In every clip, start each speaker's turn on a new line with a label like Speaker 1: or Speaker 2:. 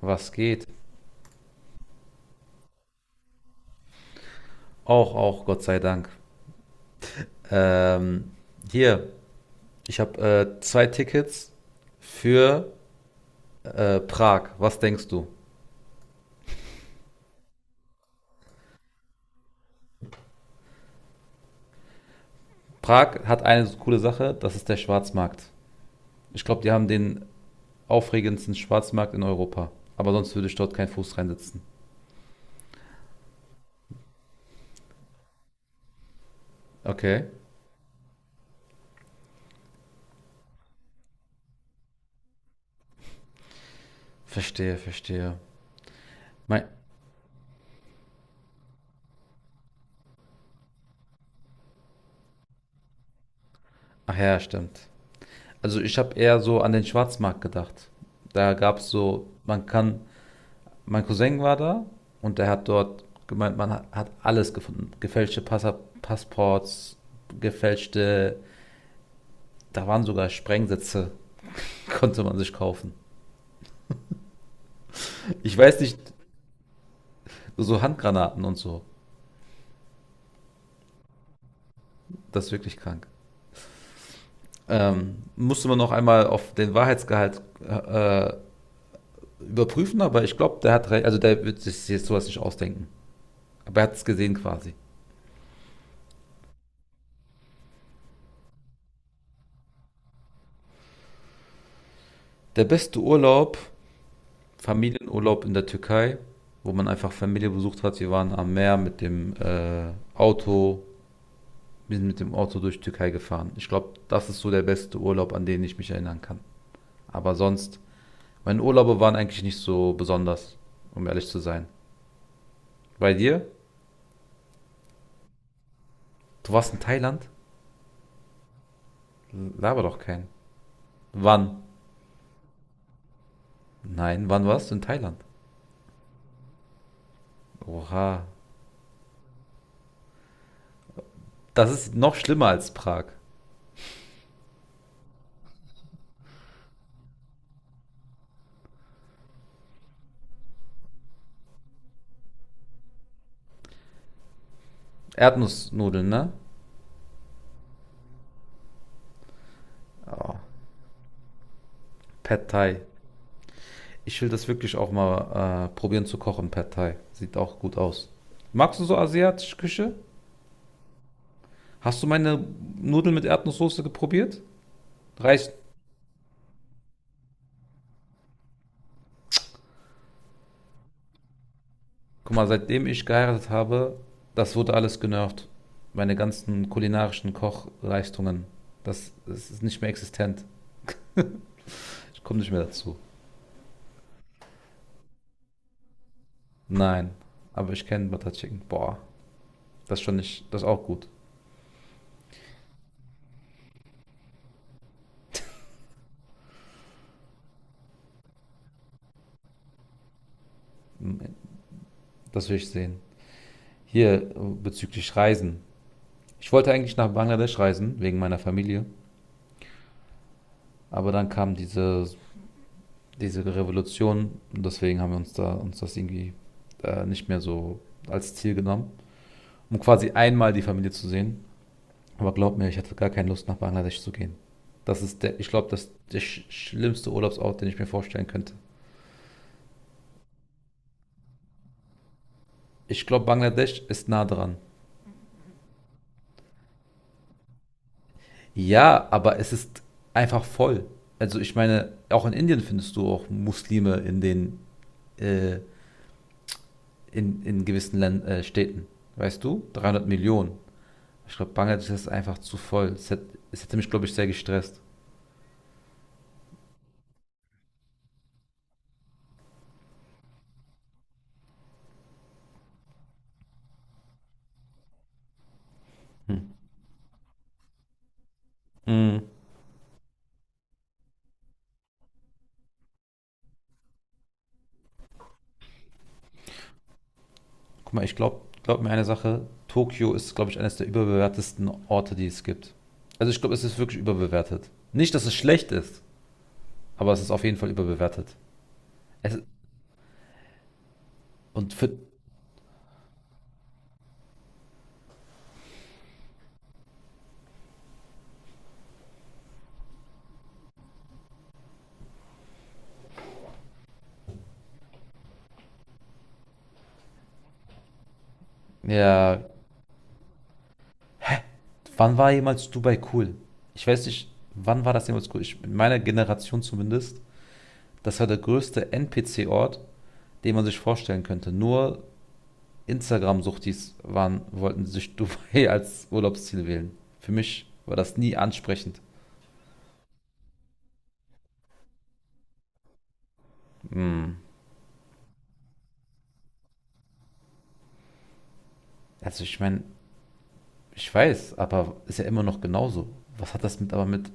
Speaker 1: Was geht? Auch, auch, Gott sei Dank. Ähm, hier, ich habe zwei Tickets für Prag. Was denkst du? Prag hat eine so coole Sache, das ist der Schwarzmarkt. Ich glaube, die haben den aufregendsten Schwarzmarkt in Europa. Aber sonst würde ich dort keinen Fuß reinsetzen. Okay, verstehe, verstehe. Mein, ach ja, stimmt. Also ich habe eher so an den Schwarzmarkt gedacht. Da gab es so, man kann. Mein Cousin war da und der hat dort gemeint, man hat alles gefunden. Gefälschte Passa Passports, gefälschte, da waren sogar Sprengsätze, konnte man sich kaufen. Ich weiß nicht, so Handgranaten und so. Das ist wirklich krank. Musste man noch einmal auf den Wahrheitsgehalt äh, überprüfen, aber ich glaube, der hat recht, also der wird sich jetzt sowas nicht ausdenken. Aber er hat es gesehen quasi. Der beste Urlaub. Familienurlaub in der Türkei, wo man einfach Familie besucht hat. Wir waren am Meer mit dem Auto, wir sind mit dem Auto durch die Türkei gefahren. Ich glaube, das ist so der beste Urlaub, an den ich mich erinnern kann. Aber sonst, meine Urlaube waren eigentlich nicht so besonders, um ehrlich zu sein. Bei dir? Du warst in Thailand? Laber doch keinen. Wann? Nein, wann warst du in Thailand? Oha. Das ist noch schlimmer als Prag. Erdnussnudeln, ne? Oh, Pad Thai. Ich will das wirklich auch mal probieren zu kochen, Pad Thai. Sieht auch gut aus. Magst du so asiatische Küche? Hast du meine Nudeln mit Erdnusssoße geprobiert? Reicht. Guck mal, seitdem ich geheiratet habe, das wurde alles genervt. Meine ganzen kulinarischen Kochleistungen, das ist nicht mehr existent. Ich komme nicht mehr dazu. Nein, aber ich kenne Butter Chicken. Boah, das schon nicht, das ist auch gut. Das will ich sehen. Hier bezüglich Reisen. Ich wollte eigentlich nach Bangladesch reisen, wegen meiner Familie. Aber dann kam diese Revolution und deswegen haben wir uns da uns das irgendwie nicht mehr so als Ziel genommen, um quasi einmal die Familie zu sehen. Aber glaub mir, ich hatte gar keine Lust nach Bangladesch zu gehen. Das ist der, ich glaube, das ist der schlimmste Urlaubsort, den ich mir vorstellen könnte. Ich glaube, Bangladesch ist nah dran. Ja, aber es ist einfach voll. Also ich meine, auch in Indien findest du auch Muslime in den äh, in gewissen Län Städten. Weißt du? 300 Millionen. Ich glaube, Bangladesch ist einfach zu voll. Es hätte mich, glaube ich, sehr gestresst. Hm. Guck mal, ich glaube, glaub mir eine Sache. Tokio ist, glaube ich, eines der überbewertesten Orte, die es gibt. Also ich glaube, es ist wirklich überbewertet. Nicht, dass es schlecht ist, aber es ist auf jeden Fall überbewertet. Es, und für, ja, wann war jemals Dubai cool? Ich weiß nicht, wann war das jemals cool? Ich, in meiner Generation zumindest, das war der größte NPC-Ort, den man sich vorstellen könnte. Nur Instagram-Suchtis waren, wollten sich Dubai als Urlaubsziel wählen. Für mich war das nie ansprechend. Hm. Also ich meine, ich weiß, aber ist ja immer noch genauso. Was hat das mit aber mit?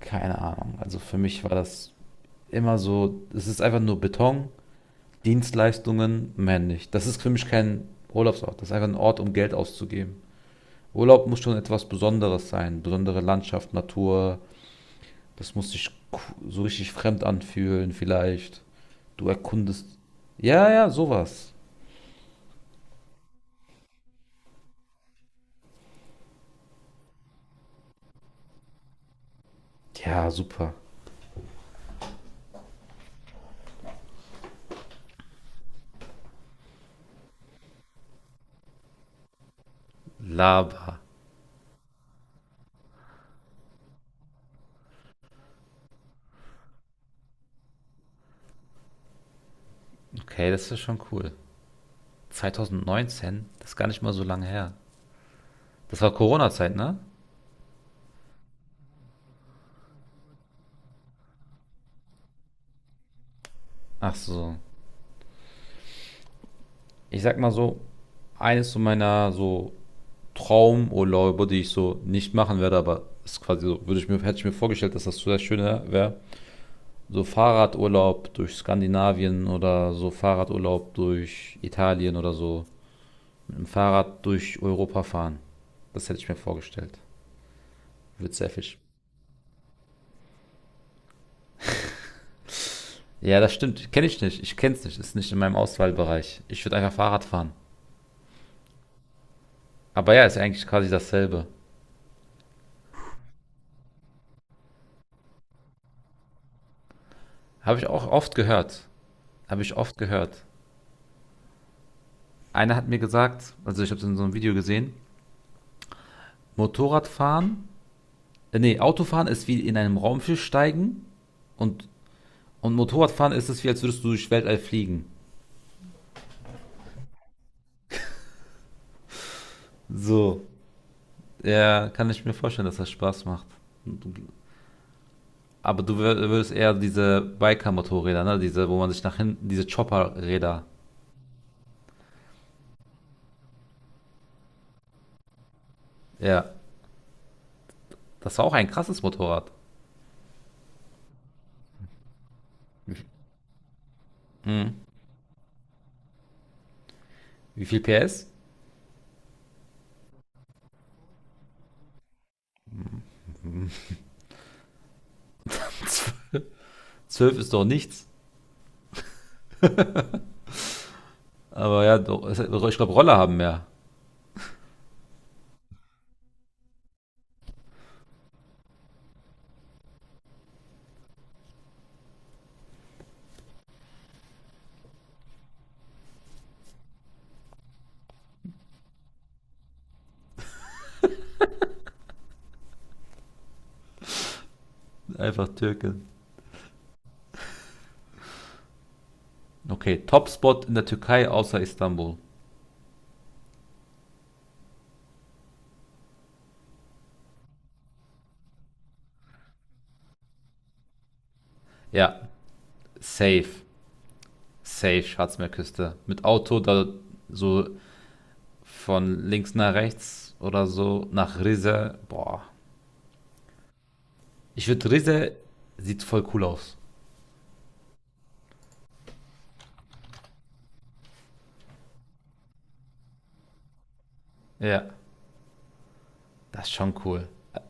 Speaker 1: Keine Ahnung. Also für mich war das immer so, es ist einfach nur Beton, Dienstleistungen, mehr nicht. Das ist für mich kein Urlaubsort. Das ist einfach ein Ort, um Geld auszugeben. Urlaub muss schon etwas Besonderes sein. Besondere Landschaft, Natur. Das muss sich so richtig fremd anfühlen vielleicht. Du erkundest. Ja, ja, sowas. Ja, super. Lava. Okay, das ist ja schon cool. 2019, das ist gar nicht mal so lange her. Das war Corona-Zeit, ne? Ach so. Ich sag mal so, eines so meiner so Traumurlaube, die ich so nicht machen werde, aber ist quasi so, würde ich mir, hätte ich mir vorgestellt, dass das so sehr schön wäre. So Fahrradurlaub durch Skandinavien oder so Fahrradurlaub durch Italien oder so. Mit dem Fahrrad durch Europa fahren. Das hätte ich mir vorgestellt. Wird sehr fisch. Ja, das stimmt. Kenne ich nicht. Ich kenne es nicht. Ist nicht in meinem Auswahlbereich. Ich würde einfach Fahrrad fahren. Aber ja, ist ja eigentlich quasi dasselbe. Habe ich auch oft gehört. Habe ich oft gehört. Einer hat mir gesagt, also ich habe es in so einem Video gesehen, Motorradfahren, nee, Autofahren ist wie in einem Raumschiff steigen und, und Motorradfahren ist es wie, als würdest du durch Weltall fliegen. So. Ja, kann ich mir vorstellen, dass das Spaß macht. Aber du würdest eher diese Biker-Motorräder, ne? Diese, wo man sich nach hinten, diese Chopper-Räder. Ja. Das war auch ein krasses Motorrad. Mhm. Wie viel PS? 12 ist doch nichts. Aber ja, doch, ich glaube, Roller haben mehr. Einfach Türke. Okay, Topspot in der Türkei außer Istanbul. Ja, safe. Safe, Schatzmeerküste. Mit Auto da so von links nach rechts oder so nach Rize. Boah. Ich würde Rize sieht voll cool aus. Ja, das ist schon cool.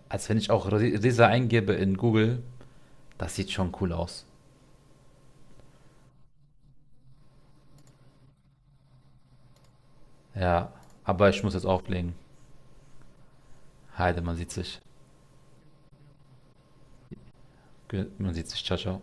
Speaker 1: Als wenn ich auch Rize eingebe in Google, das sieht schon cool aus. Ja, aber ich muss jetzt auflegen. Heide, man sieht sich. Man sieht sich. Ciao, ciao.